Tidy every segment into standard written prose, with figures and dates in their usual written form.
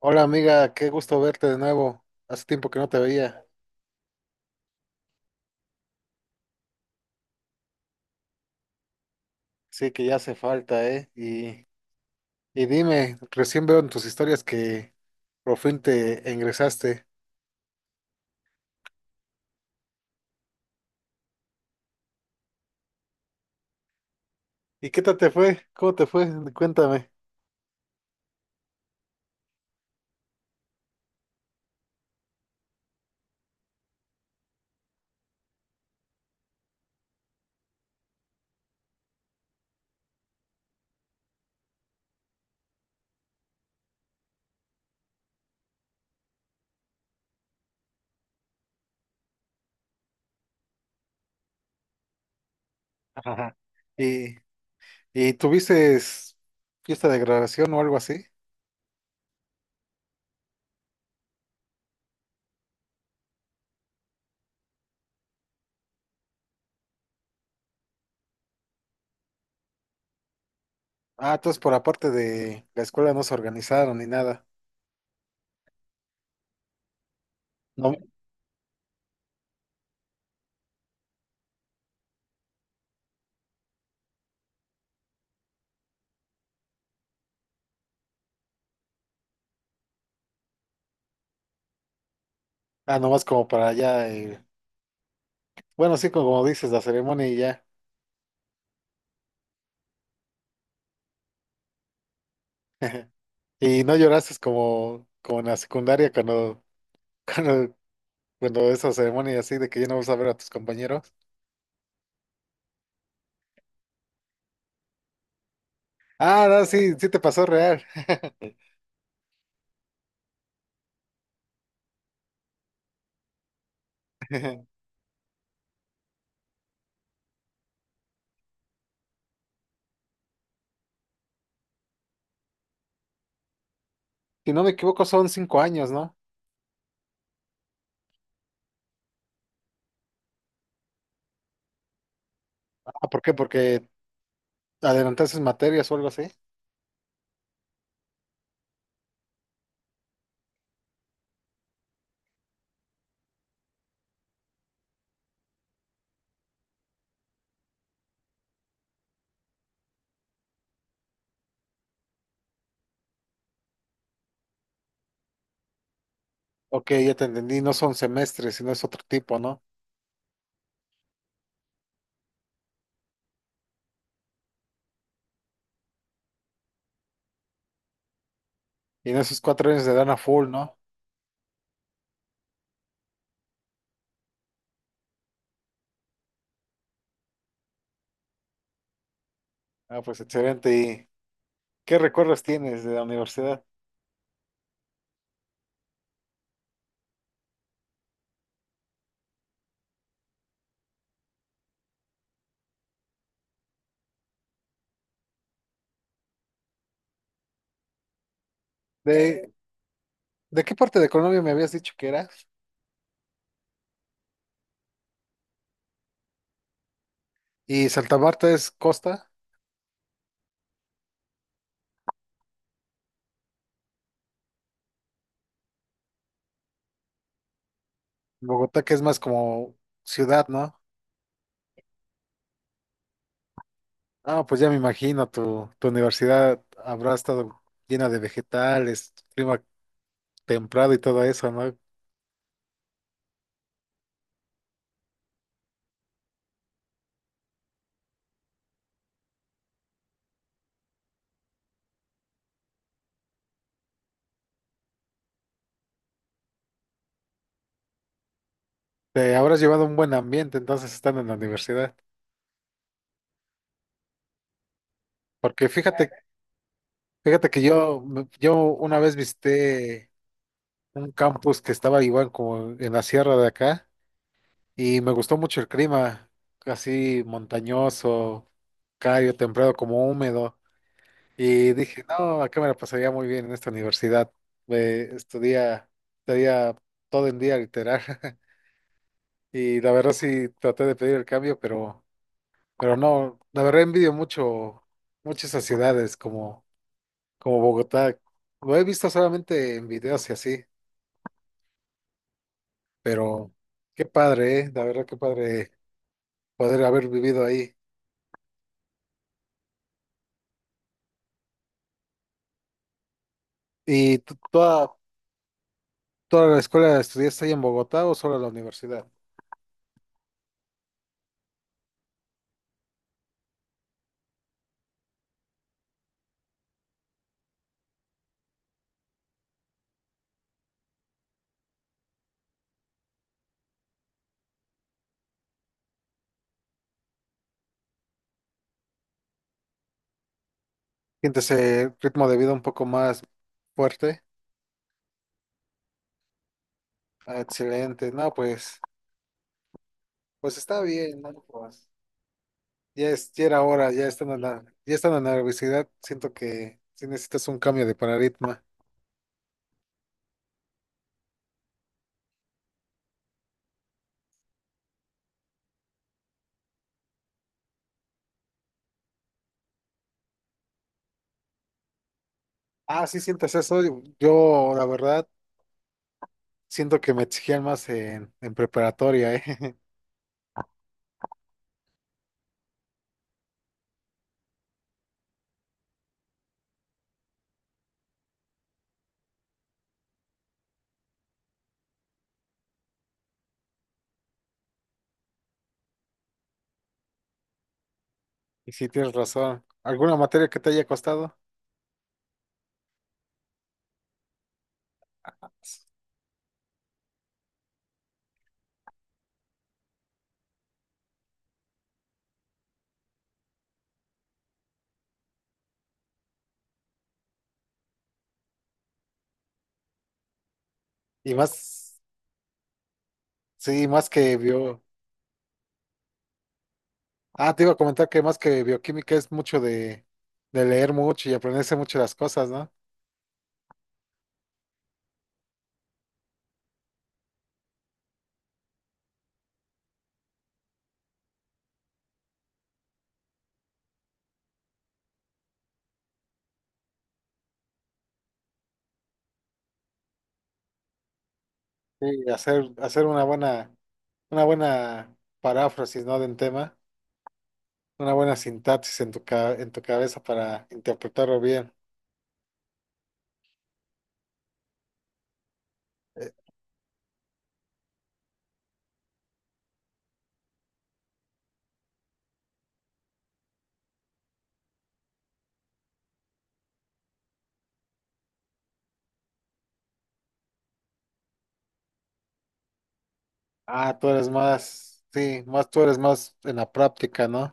Hola amiga, qué gusto verte de nuevo. Hace tiempo que no te veía. Sí, que ya hace falta, ¿eh? Y dime, recién veo en tus historias que por fin te ingresaste. ¿Y qué tal te fue? ¿Cómo te fue? Cuéntame. Ajá. ¿Y, y tuviste fiesta de graduación o algo así? Ah, entonces por aparte de la escuela no se organizaron ni nada. No, nomás como para allá. Bueno, sí, como dices, la ceremonia y ya. ¿Y no lloraste como, como en la secundaria cuando, cuando esa ceremonia así de que ya no vas a ver a tus compañeros. Ah, no, sí, sí te pasó real. Si no me equivoco, son 5 años, ¿no? Ah, ¿por qué? Porque adelantaste materias o algo así. Ok, ya te entendí, no son semestres, sino es otro tipo, ¿no? Y en esos 4 años te dan a full, ¿no? Ah, pues excelente. ¿Y qué recuerdos tienes de la universidad? ¿De, de qué parte de Colombia me habías dicho que eras? Y Santa Marta es costa. Bogotá que es más como ciudad, ¿no? Ah, pues ya me imagino, tu universidad habrá estado llena de vegetales, clima templado y todo eso, ¿no? Te habrás llevado un buen ambiente entonces estando en la universidad. Porque fíjate que yo, yo una vez visité un campus que estaba igual como en la sierra de acá y me gustó mucho el clima, así montañoso, cálido, templado, como húmedo. Y dije, no, acá me la pasaría muy bien en esta universidad. Eh, estudia, estaría todo el día literal. Y la verdad sí traté de pedir el cambio, pero no, la verdad envidio muchas esas ciudades como Bogotá. Lo he visto solamente en videos y así, pero qué padre, la verdad qué padre poder haber vivido ahí. ¿Y toda la escuela estudiaste ahí en Bogotá o solo la universidad? ¿Sientes el ritmo de vida un poco más fuerte? Ah, excelente, no, pues, pues está bien, ¿no? Pues, ya es, ya era hora, ya estando en la, ya estando en la universidad, siento que sí necesitas un cambio de paradigma. Ah, sí sientes eso, yo, la verdad siento que me exigían más en preparatoria, ¿eh? Y sí tienes razón. ¿Alguna materia que te haya costado? Y más, sí, más que bio. Ah, te iba a comentar que más que bioquímica es mucho de leer mucho y aprenderse mucho las cosas, ¿no? Sí, hacer una buena paráfrasis, ¿no? De un tema, una buena sintaxis en en tu cabeza para interpretarlo bien. Eh, tú eres más, sí, más tú eres más en la práctica, ¿no?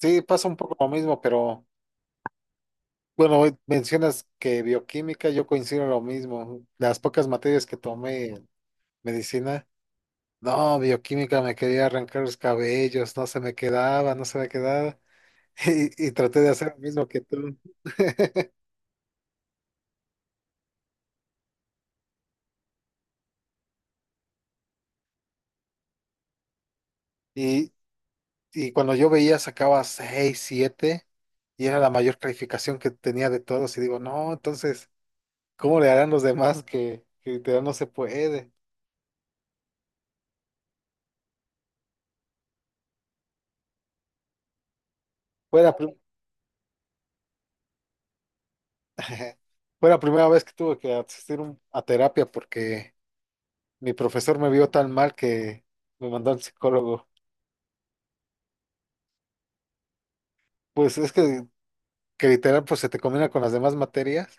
Sí, pasa un poco lo mismo, pero bueno, hoy mencionas que bioquímica, yo coincido en lo mismo. Las pocas materias que tomé en medicina, no, bioquímica me quería arrancar los cabellos, no se me quedaba, no se me quedaba. Y traté de hacer lo mismo que tú. Y, y cuando yo veía sacaba 6 7 y era la mayor calificación que tenía de todos y digo, no, entonces, ¿cómo le harán los demás que literal no se puede? Fue la, prim- fue la primera vez que tuve que asistir a terapia porque mi profesor me vio tan mal que me mandó al psicólogo. Pues es que literal pues se te combina con las demás materias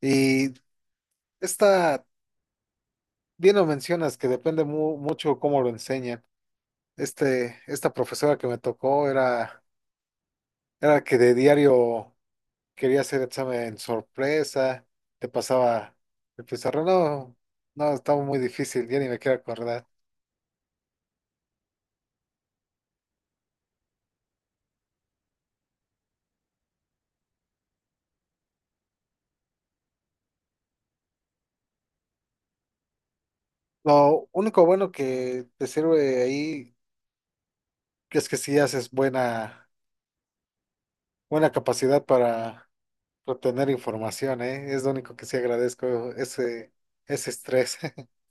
y esta, bien lo mencionas, que depende mucho cómo lo enseñan. Esta profesora que me tocó era que de diario quería hacer examen sorpresa, te pasaba el pizarrón. No, no, estaba muy difícil, ya ni me quiero acordar. Lo único bueno que te sirve ahí es que si haces buena capacidad para obtener información, ¿eh? Es lo único que sí agradezco, ese estrés.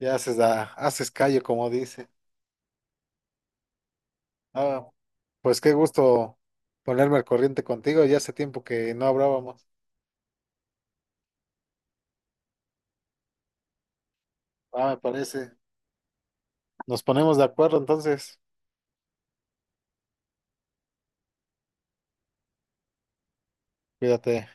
Ya haces callo, como dice. Ah, pues qué gusto ponerme al corriente contigo, ya hace tiempo que no hablábamos. Ah, me parece. Nos ponemos de acuerdo entonces. Cuídate.